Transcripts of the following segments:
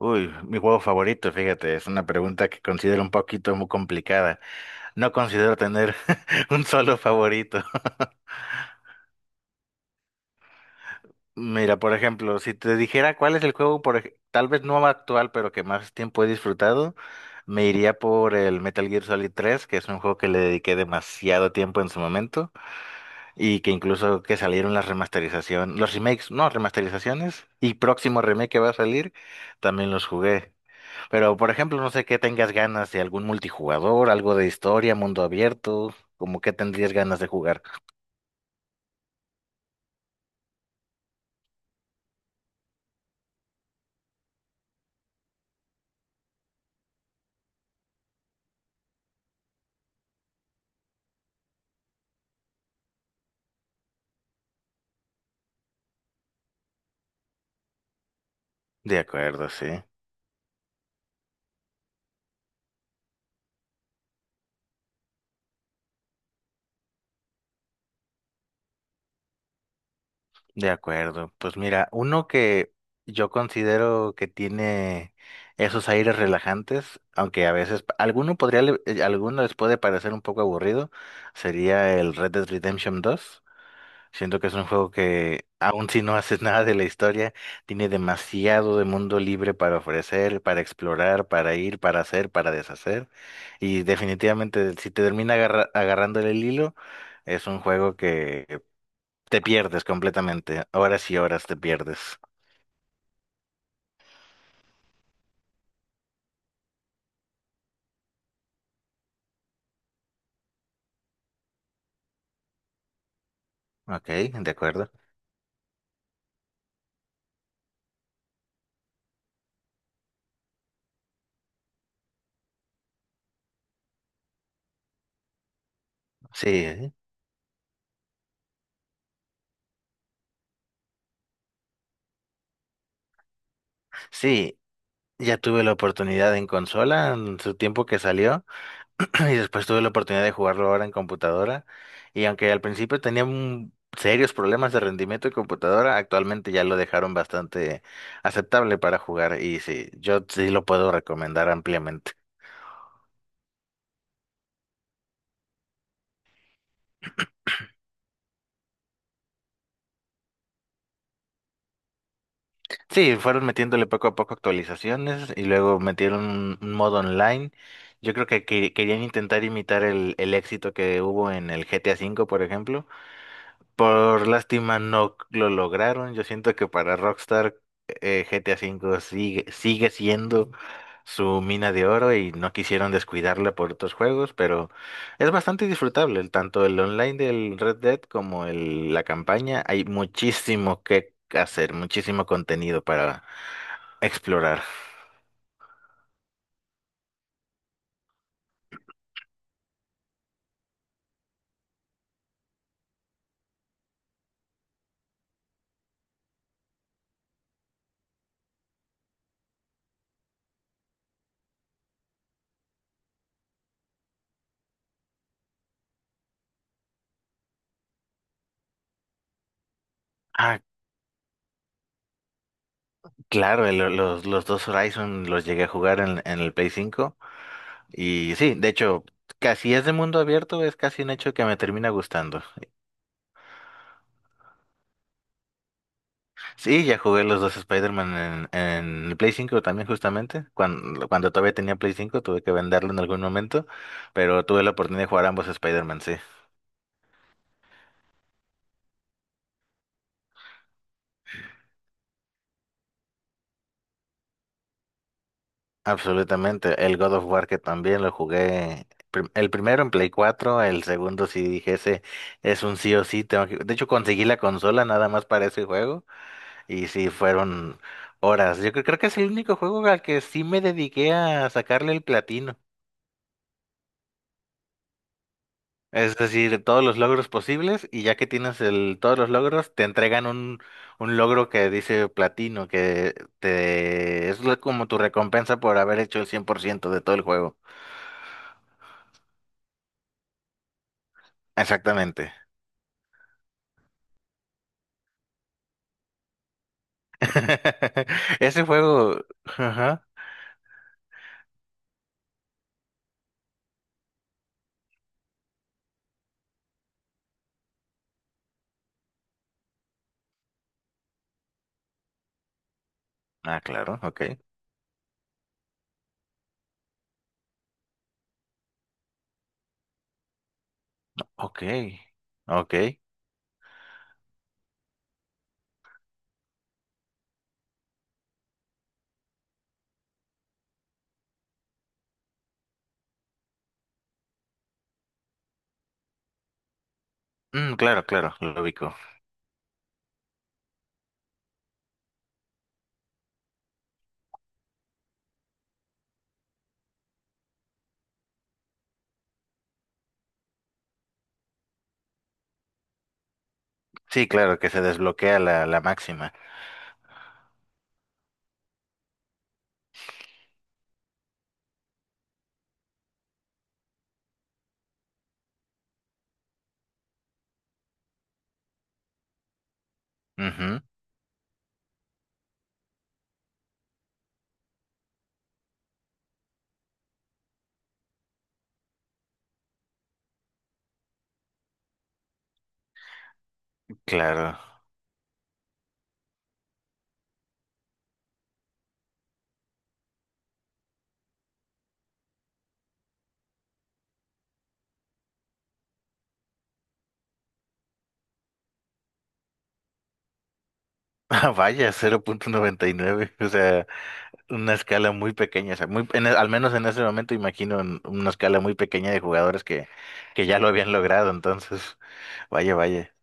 Uy, mi juego favorito, fíjate, es una pregunta que considero un poquito muy complicada. No considero tener un solo favorito. Mira, por ejemplo, si te dijera cuál es el juego, tal vez no actual, pero que más tiempo he disfrutado, me iría por el Metal Gear Solid 3, que es un juego que le dediqué demasiado tiempo en su momento y que incluso que salieron las remasterizaciones, los remakes, no, remasterizaciones y próximo remake que va a salir, también los jugué. Pero, por ejemplo, no sé qué tengas ganas de algún multijugador, algo de historia, mundo abierto, como qué tendrías ganas de jugar. De acuerdo, sí. De acuerdo. Pues mira, uno que yo considero que tiene esos aires relajantes, aunque a veces alguno podría, alguno les puede parecer un poco aburrido, sería el Red Dead Redemption dos. Siento que es un juego que, aun si no haces nada de la historia, tiene demasiado de mundo libre para ofrecer, para explorar, para ir, para hacer, para deshacer. Y definitivamente, si te termina agarrándole el hilo, es un juego que te pierdes completamente. Horas y horas te pierdes. Ok, de acuerdo. Sí, sí, ya tuve la oportunidad en consola en su tiempo que salió. Y después tuve la oportunidad de jugarlo ahora en computadora. Y aunque al principio tenía serios problemas de rendimiento de computadora, actualmente ya lo dejaron bastante aceptable para jugar. Y sí, yo sí lo puedo recomendar ampliamente. Sí, fueron metiéndole poco a poco actualizaciones y luego metieron un modo online. Yo creo que querían intentar imitar el éxito que hubo en el GTA V, por ejemplo. Por lástima no lo lograron. Yo siento que para Rockstar, GTA V sigue siendo su mina de oro y no quisieron descuidarla por otros juegos, pero es bastante disfrutable. Tanto el online del Red Dead como la campaña, hay muchísimo que hacer, muchísimo contenido para explorar. Ah, claro, los dos Horizon los llegué a jugar en el Play 5. Y sí, de hecho, casi es de mundo abierto, es casi un hecho que me termina gustando. Sí, ya jugué los dos Spider-Man en el Play 5 también justamente. Cuando todavía tenía Play 5 tuve que venderlo en algún momento, pero tuve la oportunidad de jugar ambos Spider-Man, sí. Absolutamente. El God of War que también lo jugué. El primero en Play 4, el segundo sí dije, ese es un sí o sí. Tengo que. De hecho, conseguí la consola nada más para ese juego. Y sí, fueron horas. Yo creo que es el único juego al que sí me dediqué a sacarle el platino. Es decir, todos los logros posibles y ya que tienes todos los logros, te entregan un logro que dice platino, que te, es lo- como tu recompensa por haber hecho el 100% de todo el juego. Exactamente. Ese juego. Ajá. Ah, claro, ok. Ok. Ok. Mm, claro, claro, lo ubico. Sí, claro, que se desbloquea la máxima. Ujú. Claro. Ah, vaya, 0,99. O sea, una escala muy pequeña. O sea, muy, al menos en ese momento imagino en una escala muy pequeña de jugadores que ya lo habían logrado. Entonces, vaya, vaya.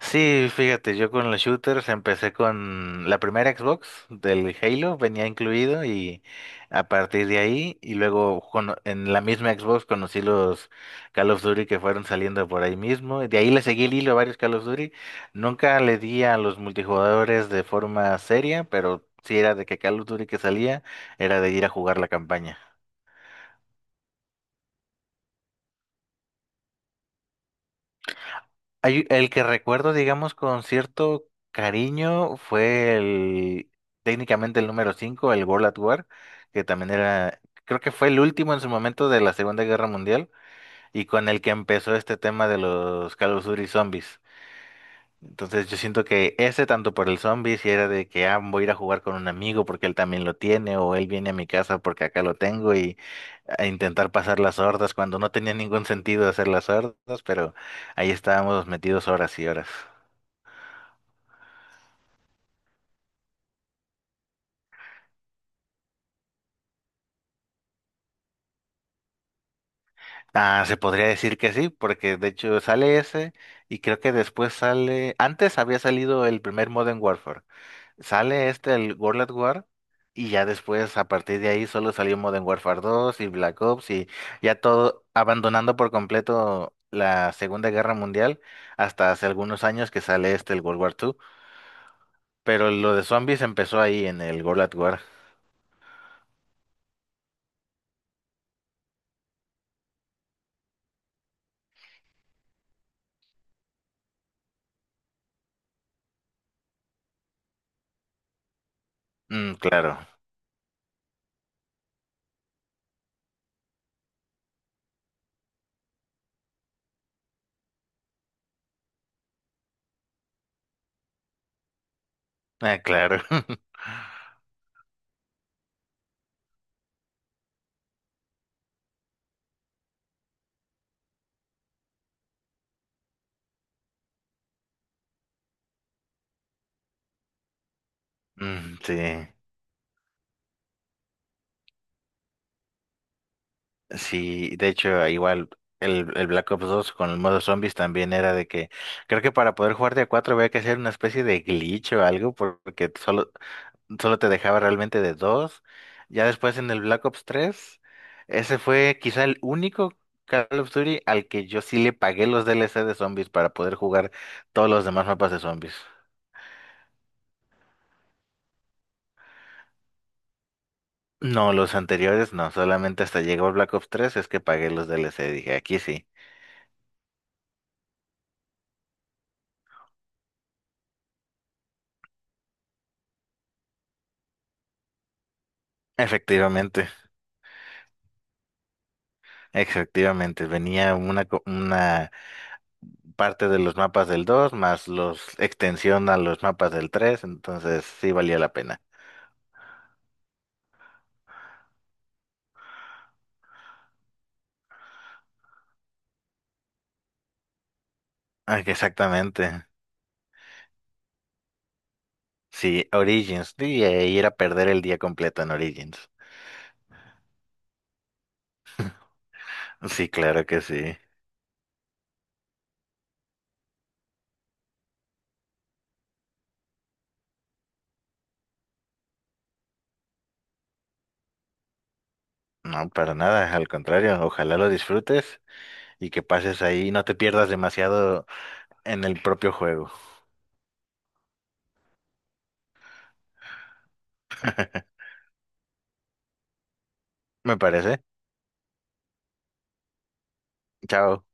Sí, fíjate, yo con los shooters empecé con la primera Xbox del Halo, venía incluido y a partir de ahí y luego en la misma Xbox conocí los Call of Duty que fueron saliendo por ahí mismo. Y de ahí le seguí el hilo a varios Call of Duty. Nunca le di a los multijugadores de forma seria, pero sí era de que Call of Duty que salía era de ir a jugar la campaña. El que recuerdo, digamos, con cierto cariño fue el, técnicamente el número 5, el World at War, que también era, creo que fue el último en su momento de la Segunda Guerra Mundial y con el que empezó este tema de los Call of Duty Zombies. Entonces yo siento que ese tanto por el zombie, si era de que, voy a ir a jugar con un amigo porque él también lo tiene, o él viene a mi casa porque acá lo tengo, y a intentar pasar las hordas cuando no tenía ningún sentido hacer las hordas, pero ahí estábamos metidos horas y horas. Ah, se podría decir que sí, porque de hecho sale ese, y creo que después sale, antes había salido el primer Modern Warfare. Sale el World at War y ya después a partir de ahí solo salió Modern Warfare 2 y Black Ops, y ya todo abandonando por completo la Segunda Guerra Mundial hasta hace algunos años que sale el World War 2, pero lo de zombies empezó ahí en el World at War. Mm, claro, ah, claro. Mm, sí, sí, de hecho igual el Black Ops 2 con el modo zombies también era de que creo que para poder jugar de a 4 había que hacer una especie de glitch o algo porque solo te dejaba realmente de dos. Ya después en el Black Ops 3, ese fue quizá el único Call of Duty al que yo sí le pagué los DLC de zombies para poder jugar todos los demás mapas de zombies. No, los anteriores no, solamente hasta llegó el Black Ops 3 es que pagué los DLC, dije, aquí sí. Efectivamente, efectivamente, venía una, una parte de los mapas del 2 más los extensión a los mapas del tres, entonces sí valía la pena. Ah, que exactamente. Sí, Origins. Y ahí era perder el día completo en Origins. Sí, claro que sí. No, para nada, al contrario, ojalá lo disfrutes y que pases ahí y no te pierdas demasiado en el propio juego. Me parece. Chao.